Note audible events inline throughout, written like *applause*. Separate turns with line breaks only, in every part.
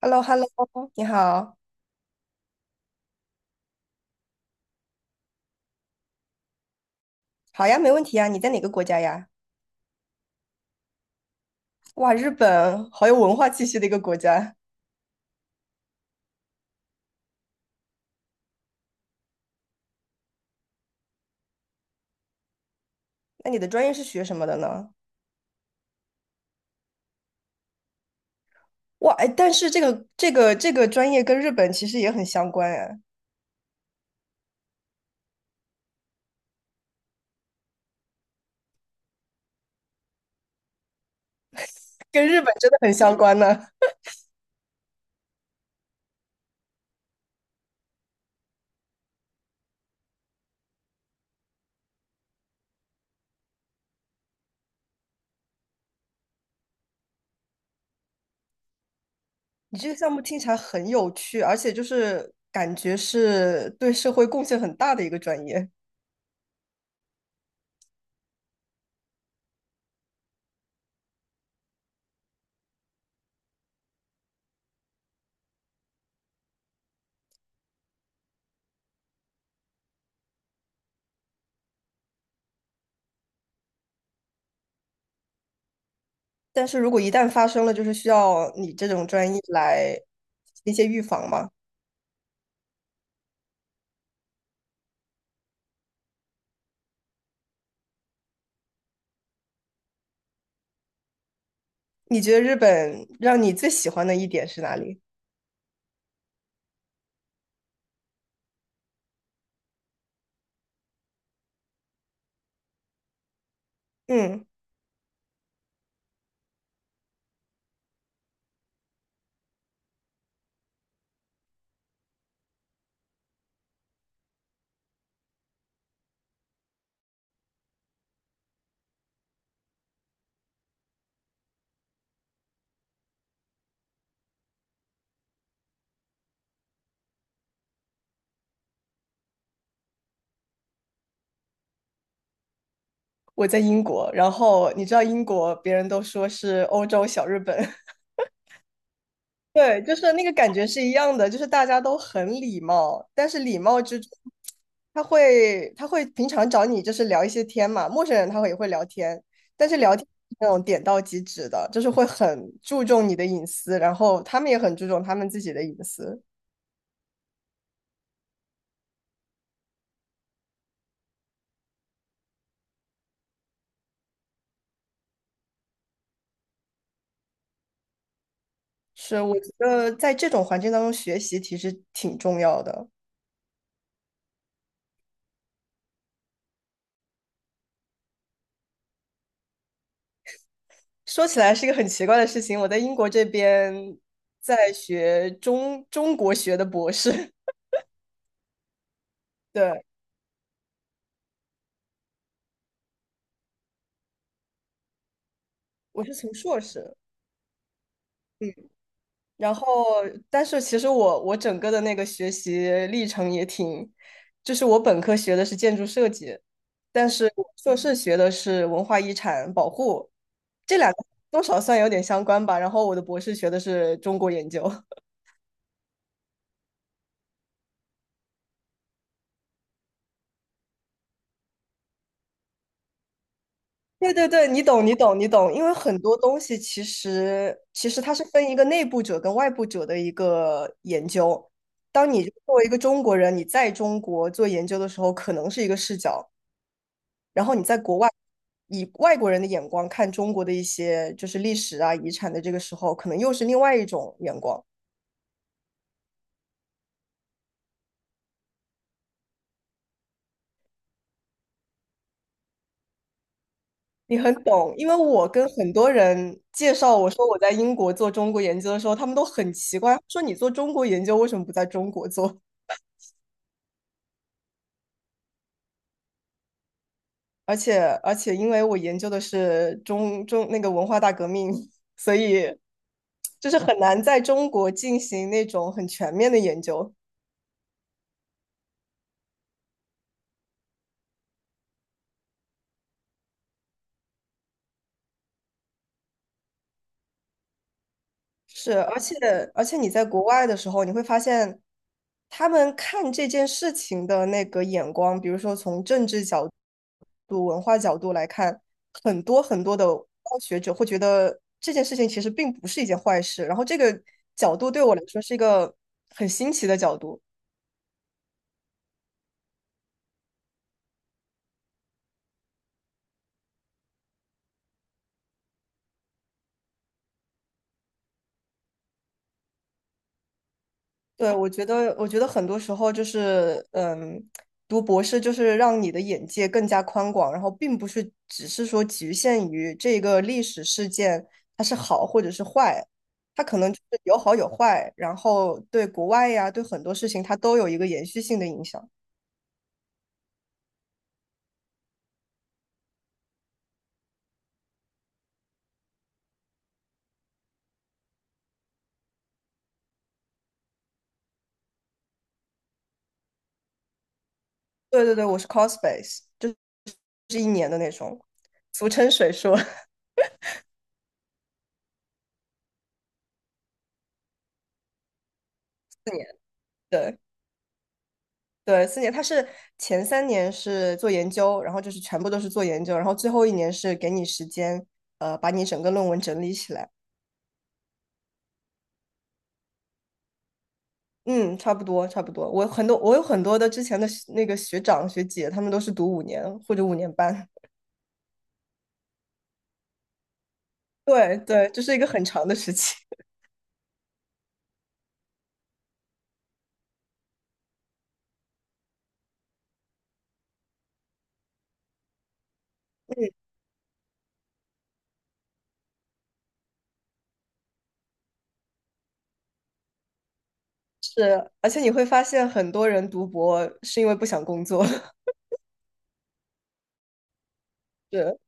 h e l l o h e l l o 你好，好呀，没问题呀。你在哪个国家呀？哇，日本好有文化气息的一个国家。那你的专业是学什么的呢？哇，哎，但是这个专业跟日本其实也很相关哎，跟日本真的很相关呢。你这个项目听起来很有趣，而且就是感觉是对社会贡献很大的一个专业。但是如果一旦发生了，就是需要你这种专业来一些预防嘛。你觉得日本让你最喜欢的一点是哪里？嗯。我在英国，然后你知道英国，别人都说是欧洲小日本，*laughs* 对，就是那个感觉是一样的，就是大家都很礼貌，但是礼貌之中，他会平常找你就是聊一些天嘛，陌生人他会也会聊天，但是聊天是那种点到即止的，就是会很注重你的隐私，然后他们也很注重他们自己的隐私，是我觉得在这种环境当中学习其实挺重要的。说起来是一个很奇怪的事情，我在英国这边在学中国学的博士，*laughs* 对，我是从硕士，嗯，然后但是其实我整个的那个学习历程也挺，就是我本科学的是建筑设计，但是我硕士学的是文化遗产保护，这两个多少算有点相关吧，然后我的博士学的是中国研究，对对对，你懂，你懂，你懂，因为很多东西其实它是分一个内部者跟外部者的一个研究。当你作为一个中国人，你在中国做研究的时候，可能是一个视角，然后你在国外以外国人的眼光看中国的一些就是历史啊、遗产的这个时候，可能又是另外一种眼光。你很懂，因为我跟很多人介绍我说我在英国做中国研究的时候，他们都很奇怪，说你做中国研究为什么不在中国做？而且，因为我研究的是中那个文化大革命，所以就是很难在中国进行那种很全面的研究。是，而且你在国外的时候，你会发现他们看这件事情的那个眼光，比如说从政治角度、文化角度来看，很多很多的学者会觉得这件事情其实并不是一件坏事。然后这个角度对我来说是一个很新奇的角度。对，我觉得很多时候就是，嗯，读博士就是让你的眼界更加宽广，然后并不是只是说局限于这个历史事件它是好或者是坏，它可能就是有好有坏，然后对国外呀，对很多事情它都有一个延续性的影响。对对对，我是 cospace，就是1年的那种，俗称水硕。*laughs* 对。对，4年，他是前3年是做研究，然后就是全部都是做研究，然后最后一年是给你时间，把你整个论文整理起来。嗯，差不多，差不多。我有很多的之前的学那个学长学姐，他们都是读五年或者5年半。*laughs* 对对，这是一个很长的时期。*laughs* 是，而且你会发现很多人读博是因为不想工作。*laughs* 是，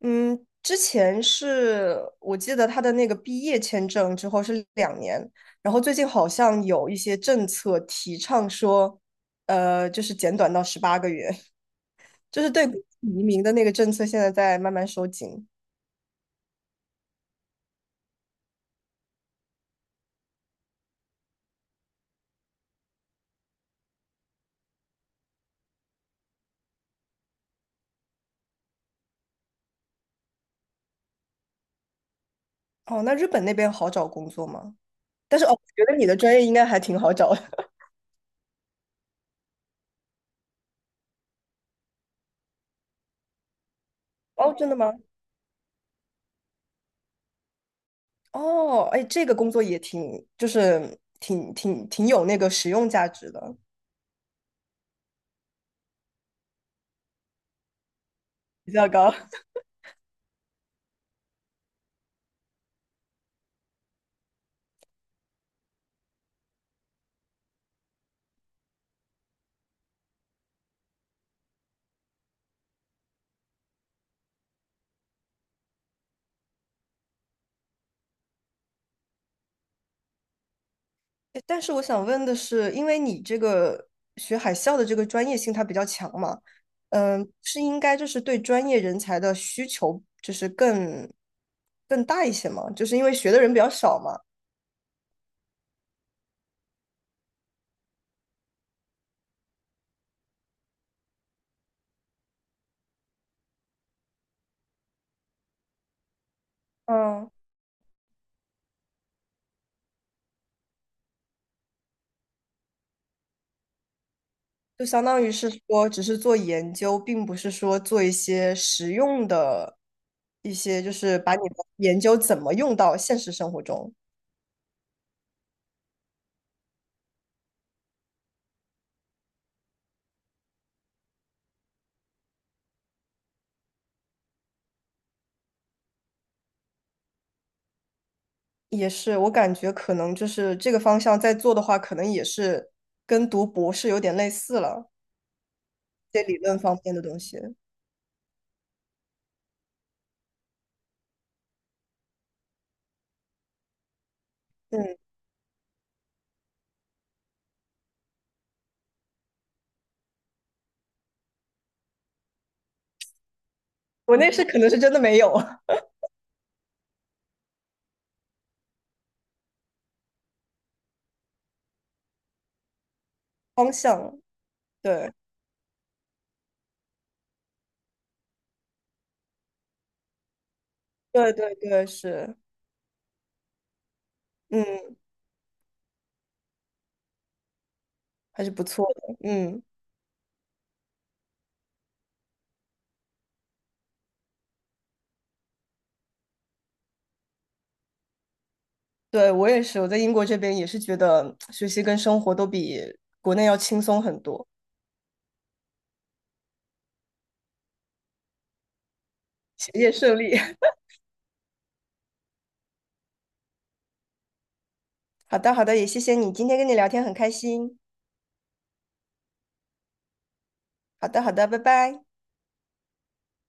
嗯，之前是我记得他的那个毕业签证之后是2年，然后最近好像有一些政策提倡说，就是减短到18个月，就是对移民的那个政策现在在慢慢收紧。哦，那日本那边好找工作吗？但是哦，我觉得你的专业应该还挺好找的。*laughs* 哦，真的吗？哦，哎，这个工作也挺，就是挺有那个实用价值的，比较高。诶但是我想问的是，因为你这个学海校的这个专业性它比较强嘛，嗯，是应该就是对专业人才的需求就是更大一些嘛？就是因为学的人比较少嘛，嗯，就相当于是说只是做研究，并不是说做一些实用的一些，就是把你的研究怎么用到现实生活中。也是，我感觉可能就是这个方向在做的话，可能也是跟读博士有点类似了。些理论方面的东西。嗯，国内是可能是真的没有 *laughs* 方向。对，对对对，是，嗯，还是不错的。嗯，对，我也是，我在英国这边也是觉得学习跟生活都比国内要轻松很多，学业顺利。*laughs* 好的，好的，也谢谢你，今天跟你聊天很开心。好的，好的，拜拜。